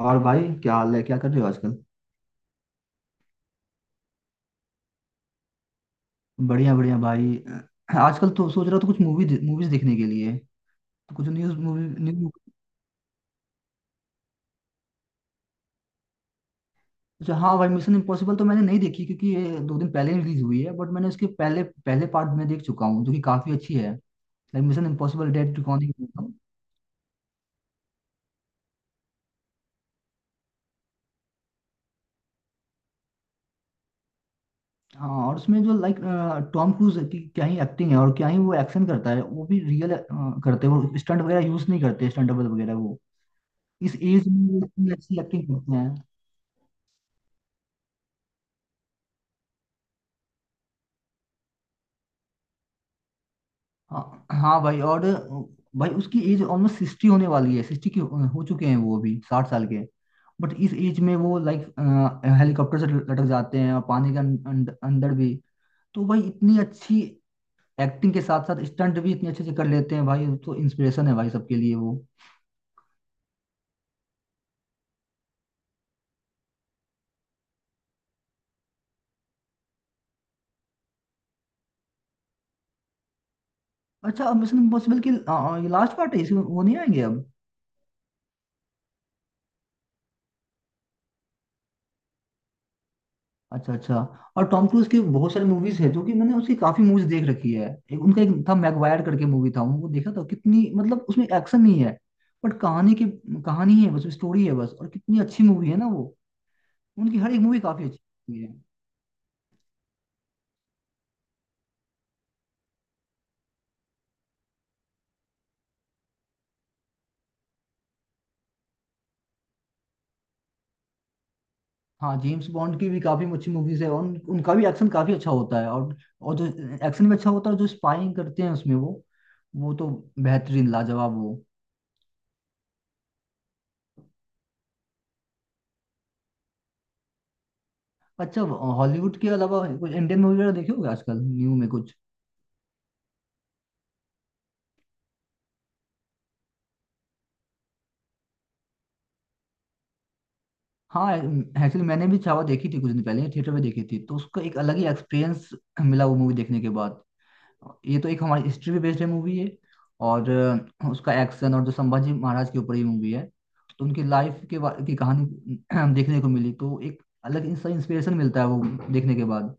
और भाई क्या हाल है, क्या कर रहे हो आजकल। बढ़िया बढ़िया भाई। आजकल तो सोच रहा था कुछ मूवीज देखने के लिए, तो कुछ न्यूज मूवी न्यू। अच्छा हाँ भाई, मिशन इम्पॉसिबल तो मैंने नहीं देखी क्योंकि ये दो दिन पहले ही रिलीज हुई है, बट मैंने उसके पहले पहले पार्ट में देख चुका हूँ जो कि काफी अच्छी है। Like Mission Impossible Dead Reckoning. हाँ, और उसमें जो लाइक टॉम क्रूज की क्या ही एक्टिंग है, और क्या ही वो एक्शन करता है, वो भी रियल करते हैं, वो स्टंट वगैरह यूज नहीं करते, स्टंट डबल वगैरह वो। इस एज में वो इतनी अच्छी एक्टिंग करते हैं। हाँ हाँ भाई, और भाई उसकी एज ऑलमोस्ट सिक्सटी होने वाली है, सिक्सटी की हो चुके हैं वो, अभी 60 साल के। बट इस एज में वो लाइक हेलीकॉप्टर से लटक जाते हैं, और पानी के अंदर भी। तो भाई इतनी अच्छी एक्टिंग के साथ साथ स्टंट भी इतने अच्छे से कर लेते हैं भाई, तो इंस्पिरेशन है भाई सबके लिए वो। अच्छा, मिशन इम्पॉसिबल की ये लास्ट पार्ट है, इसमें वो नहीं आएंगे अब? अच्छा अच्छा। और टॉम क्रूज की बहुत सारी मूवीज है, जो कि मैंने उसकी काफी मूवीज देख रखी है। उनका एक था मैगवायर करके मूवी था, उनको देखा था, कितनी मतलब उसमें एक्शन नहीं है, बट कहानी की कहानी है बस, स्टोरी है बस, और कितनी अच्छी मूवी है ना वो। उनकी हर एक मूवी काफी अच्छी होती है। हाँ, जेम्स बॉन्ड की भी काफी अच्छी मूवीज है, और उनका भी एक्शन काफी अच्छा होता है, और जो एक्शन भी अच्छा होता है, और जो स्पाइंग करते हैं उसमें वो तो बेहतरीन लाजवाब वो। अच्छा, हॉलीवुड के अलावा कोई इंडियन मूवी वगैरह देखे होगे आजकल न्यू में कुछ? हाँ एक्चुअली मैंने भी छावा देखी थी, कुछ दिन पहले थिएटर में देखी थी, तो उसका एक अलग ही एक्सपीरियंस मिला वो मूवी देखने के बाद। ये तो एक हमारी हिस्ट्री पे बेस्ड है मूवी है, और उसका एक्शन, और जो संभाजी महाराज के ऊपर ही मूवी है, तो उनकी लाइफ की कहानी देखने को मिली, तो एक अलग इंस्पिरेशन मिलता है वो देखने के बाद।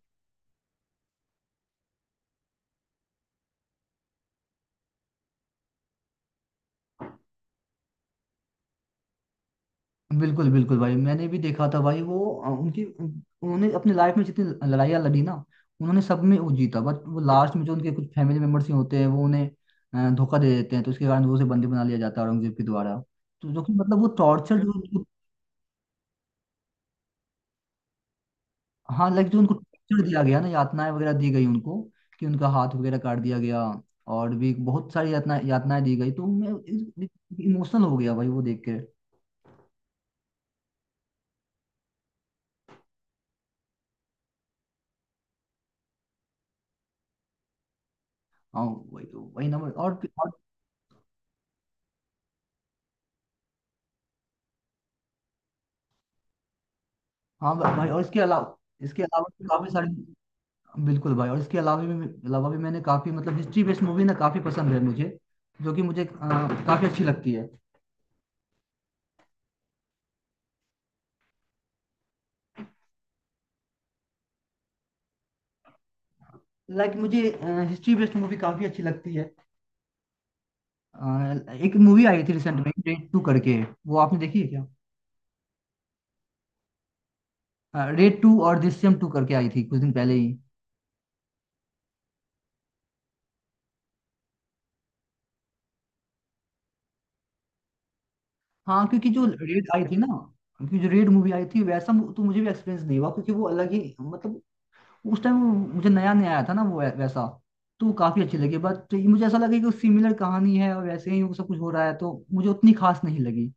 बिल्कुल बिल्कुल भाई, मैंने भी देखा था भाई वो। उनकी उन्होंने अपनी लाइफ में जितनी लड़ाइयाँ लड़ी ना, उन्होंने सब में वो जीता, बट वो लास्ट में जो उनके कुछ फैमिली मेम्बर्स ही होते हैं, वो उन्हें धोखा दे देते हैं, तो उसके कारण वो उसे बंदी बना लिया जाता है औरंगजेब के द्वारा। तो जो कि मतलब वो टॉर्चर जो उनको, हाँ लाइक जो उनको टॉर्चर दिया गया ना, यातनाएं वगैरह दी गई उनको, कि उनका हाथ वगैरह काट दिया गया, और भी बहुत सारी यातनाएं दी गई, तो मैं इमोशनल हो गया भाई वो देख के। हाँ, वही ना। और हाँ भाई, और इसके अलावा भी काफी सारी, बिल्कुल भाई, और इसके अलावा भी मैंने काफी मतलब हिस्ट्री बेस्ड मूवी ना काफी पसंद है मुझे, जो कि मुझे काफी अच्छी लगती है। मुझे हिस्ट्री बेस्ड मूवी काफी अच्छी लगती है। एक मूवी आई थी रिसेंट में रेड टू करके, वो आपने देखी है क्या? रेड टू और दृश्यम टू करके आई थी कुछ दिन पहले ही। हाँ, क्योंकि जो रेड आई थी ना, क्योंकि जो रेड मूवी आई थी वैसा तो मुझे भी एक्सपीरियंस नहीं हुआ, क्योंकि वो अलग ही मतलब उस टाइम मुझे नया नया आया था ना वो वैसा, तो काफी अच्छी लगी। बट तो ये मुझे ऐसा लगा कि सिमिलर कहानी है, और वैसे ही वो सब कुछ हो रहा है, तो मुझे उतनी खास नहीं लगी।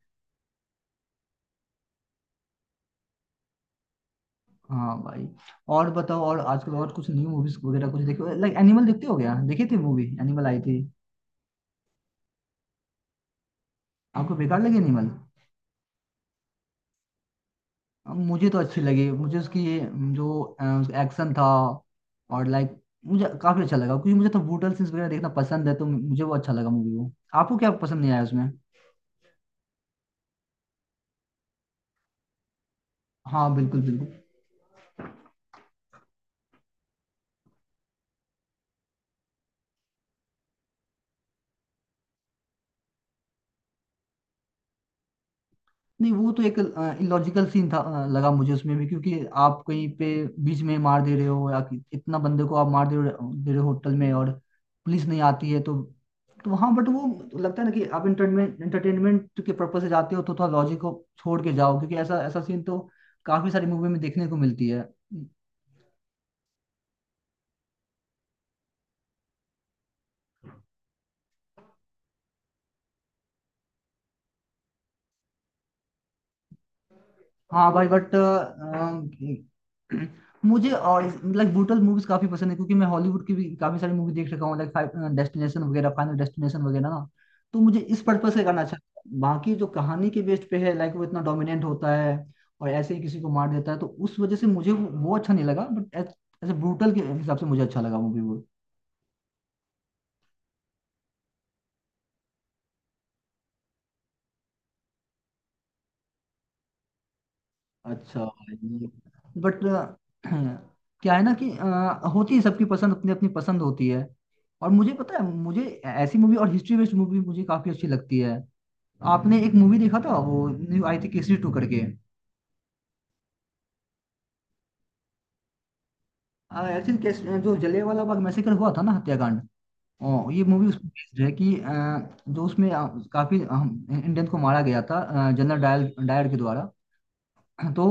हाँ भाई। और बताओ, और आजकल और कुछ न्यू मूवीज वगैरह कुछ देखो, लाइक एनिमल देखते हो क्या, देखी थी मूवी एनिमल आई थी? आपको बेकार लगी एनिमल? मुझे तो अच्छी लगी, मुझे उसकी जो एक्शन था और लाइक, मुझे काफी अच्छा लगा क्योंकि मुझे तो ब्रूटल सीन्स वगैरह देखना पसंद है, तो मुझे वो अच्छा लगा मूवी वो। आपको क्या पसंद नहीं आया उसमें? हाँ बिल्कुल बिल्कुल। नहीं, वो तो एक इलॉजिकल सीन था, लगा मुझे उसमें भी, क्योंकि आप कहीं पे बीच में मार दे रहे हो, या कि इतना बंदे को आप मार दे रहे हो होटल में, और पुलिस नहीं आती है, तो हाँ। बट वो लगता है ना कि आप इंटरटेनमेंट इंटरटेनमेंट के पर्पज से जाते हो, तो थोड़ा लॉजिक को छोड़ के जाओ, क्योंकि ऐसा ऐसा सीन तो काफी सारी मूवी में देखने को मिलती है। हाँ भाई, बट मुझे और लाइक ब्रूटल मूवीज काफी पसंद है, क्योंकि मैं हॉलीवुड की भी काफी सारी मूवी देख रखा हूँ, लाइक डेस्टिनेशन वगैरह फाइनल डेस्टिनेशन वगैरह ना, तो मुझे इस पर्पज से गाना अच्छा लगता है। बाकी जो कहानी के बेस्ड पे है लाइक, वो इतना डोमिनेंट होता है और ऐसे ही किसी को मार देता है, तो उस वजह से मुझे वो अच्छा नहीं लगा। बट एज ए ब्रूटल के हिसाब से मुझे अच्छा लगा मूवी वो। अच्छा भाई। बट क्या है ना कि होती है सबकी पसंद, अपनी अपनी पसंद होती है, और मुझे पता है मुझे ऐसी मूवी और हिस्ट्री बेस्ड मूवी मुझे काफी अच्छी लगती है। आपने एक मूवी देखा था वो न्यू आई थी केसरी टू करके? एक्चुअली केस जो जलियांवाला बाग मैसेकर हुआ था ना, हत्याकांड, ये मूवी उसमें बेस्ड है कि जो उसमें काफी इंडियन को मारा गया था जनरल डायल डायर के द्वारा। तो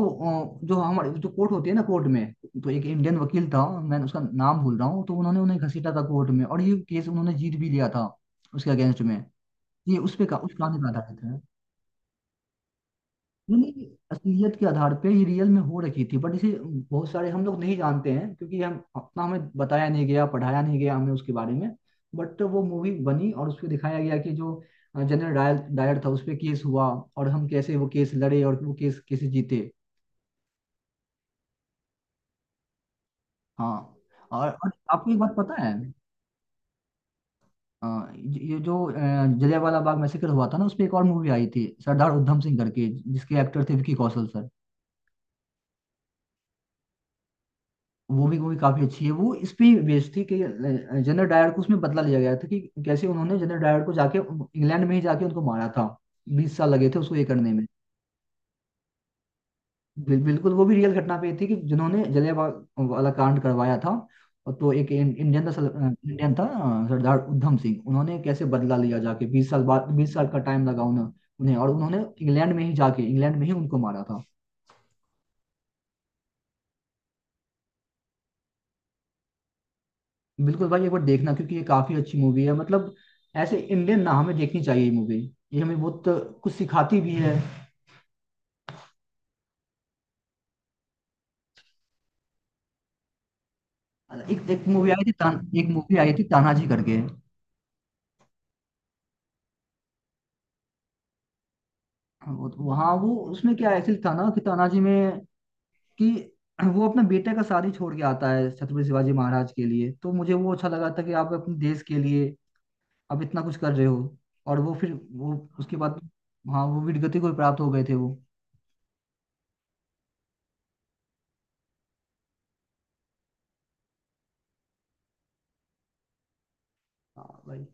जो हमारे जो कोर्ट होती है ना, कोर्ट में तो एक इंडियन वकील था, मैं उसका नाम भूल रहा हूँ, तो उन्होंने उन्हें घसीटा था कोर्ट में, और ये केस उन्होंने जीत भी लिया था उसके अगेंस्ट में। ये उस कहानी पे आधारित है, यानी असलियत के आधार पे ये रियल में हो रखी थी। बट इसे बहुत सारे हम लोग नहीं जानते हैं, क्योंकि हम अपना हमें बताया नहीं गया, पढ़ाया नहीं गया हमें उसके बारे में। बट वो मूवी बनी, और उसमें दिखाया गया कि जो जनरल डायर डायर था, उस पे केस हुआ, और हम कैसे वो केस लड़े और वो केस कैसे जीते। हाँ, और आपको एक बात पता है? ये जो जलियांवाला बाग मैसेकर हुआ था ना, उस पर एक और मूवी आई थी सरदार उधम सिंह करके, जिसके एक्टर थे विकी कौशल सर। वो भी मूवी काफी अच्छी है, वो इस पे बेस्ड थी कि जनरल डायर को उसमें बदला लिया गया था, कि कैसे उन्होंने जनरल डायर को जाके इंग्लैंड में ही जाके उनको मारा था। बीस साल लगे थे उसको ये करने में। बिल्कुल, वो भी रियल घटना पे थी, कि जिन्होंने जलियांवाला वाला कांड करवाया था, और तो एक इंडियन था इंडियन था सरदार उधम सिंह, उन्होंने कैसे बदला लिया जाके 20 साल बाद, 20 साल का टाइम लगा उन्हें, और उन्होंने इंग्लैंड में ही जाके इंग्लैंड में ही उनको मारा था। बिल्कुल भाई, एक बार देखना क्योंकि ये काफी अच्छी मूवी है मतलब, ऐसे इंडियन ना हमें देखनी चाहिए ये मूवी, ये हमें बहुत कुछ सिखाती भी है। एक एक मूवी आई थी तान, एक मूवी आई थी तानाजी करके। वो उसमें क्या ऐसे था ना कि तानाजी में, कि वो अपने बेटे का शादी छोड़ के आता है छत्रपति शिवाजी महाराज के लिए, तो मुझे वो अच्छा लगा था, कि आप अपने देश के लिए आप इतना कुछ कर रहे हो। और वो फिर वो उसके बाद, हाँ वो वीरगति को प्राप्त हो गए थे वो। हाँ भाई,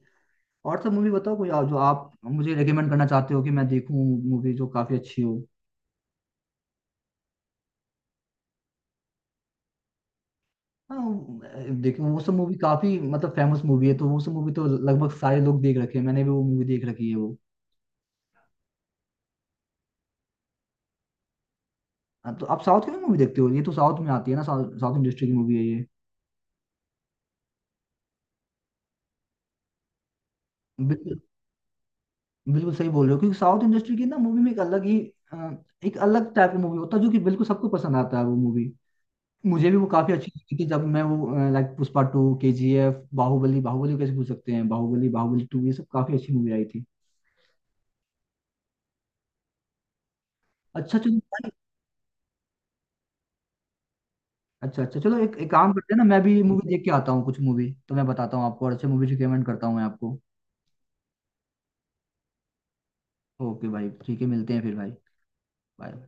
और सब मूवी बताओ कोई जो आप मुझे रेकमेंड करना चाहते हो कि मैं देखूं मूवी जो काफी अच्छी हो। हाँ देखूं, वो सब मूवी काफी मतलब फेमस मूवी है, तो वो सब मूवी तो लगभग सारे लोग देख रखे हैं, मैंने भी वो मूवी देख रखी है वो। हाँ, तो आप साउथ की मूवी देखते हो? ये तो साउथ में आती है ना, साउथ साउथ इंडस्ट्री की मूवी है ये। बिल्कुल सही बोल रहे हो, क्योंकि साउथ इंडस्ट्री की ना मूवी में एक अलग ही अ, एक अलग टाइप का मूवी होता है, जो कि बिल्कुल सबको पसंद आता है वो मूवी। मुझे भी वो काफी अच्छी लगी थी जब मैं वो like Pushpa two, K G F, Baahubali Baahubali को कैसे भूल सकते हैं, बाहुबली बाहुबली टू, ये सब काफी अच्छी मूवी आई थी। अच्छा चलो भाई। अच्छा अच्छा, चलो एक काम करते हैं ना, मैं भी मूवी देख के आता हूँ, कुछ मूवी तो मैं बताता हूँ आपको, और अच्छे मूवी रिकमेंड करता हूँ मैं आपको। ओके भाई, ठीक है, मिलते हैं फिर भाई। बाय।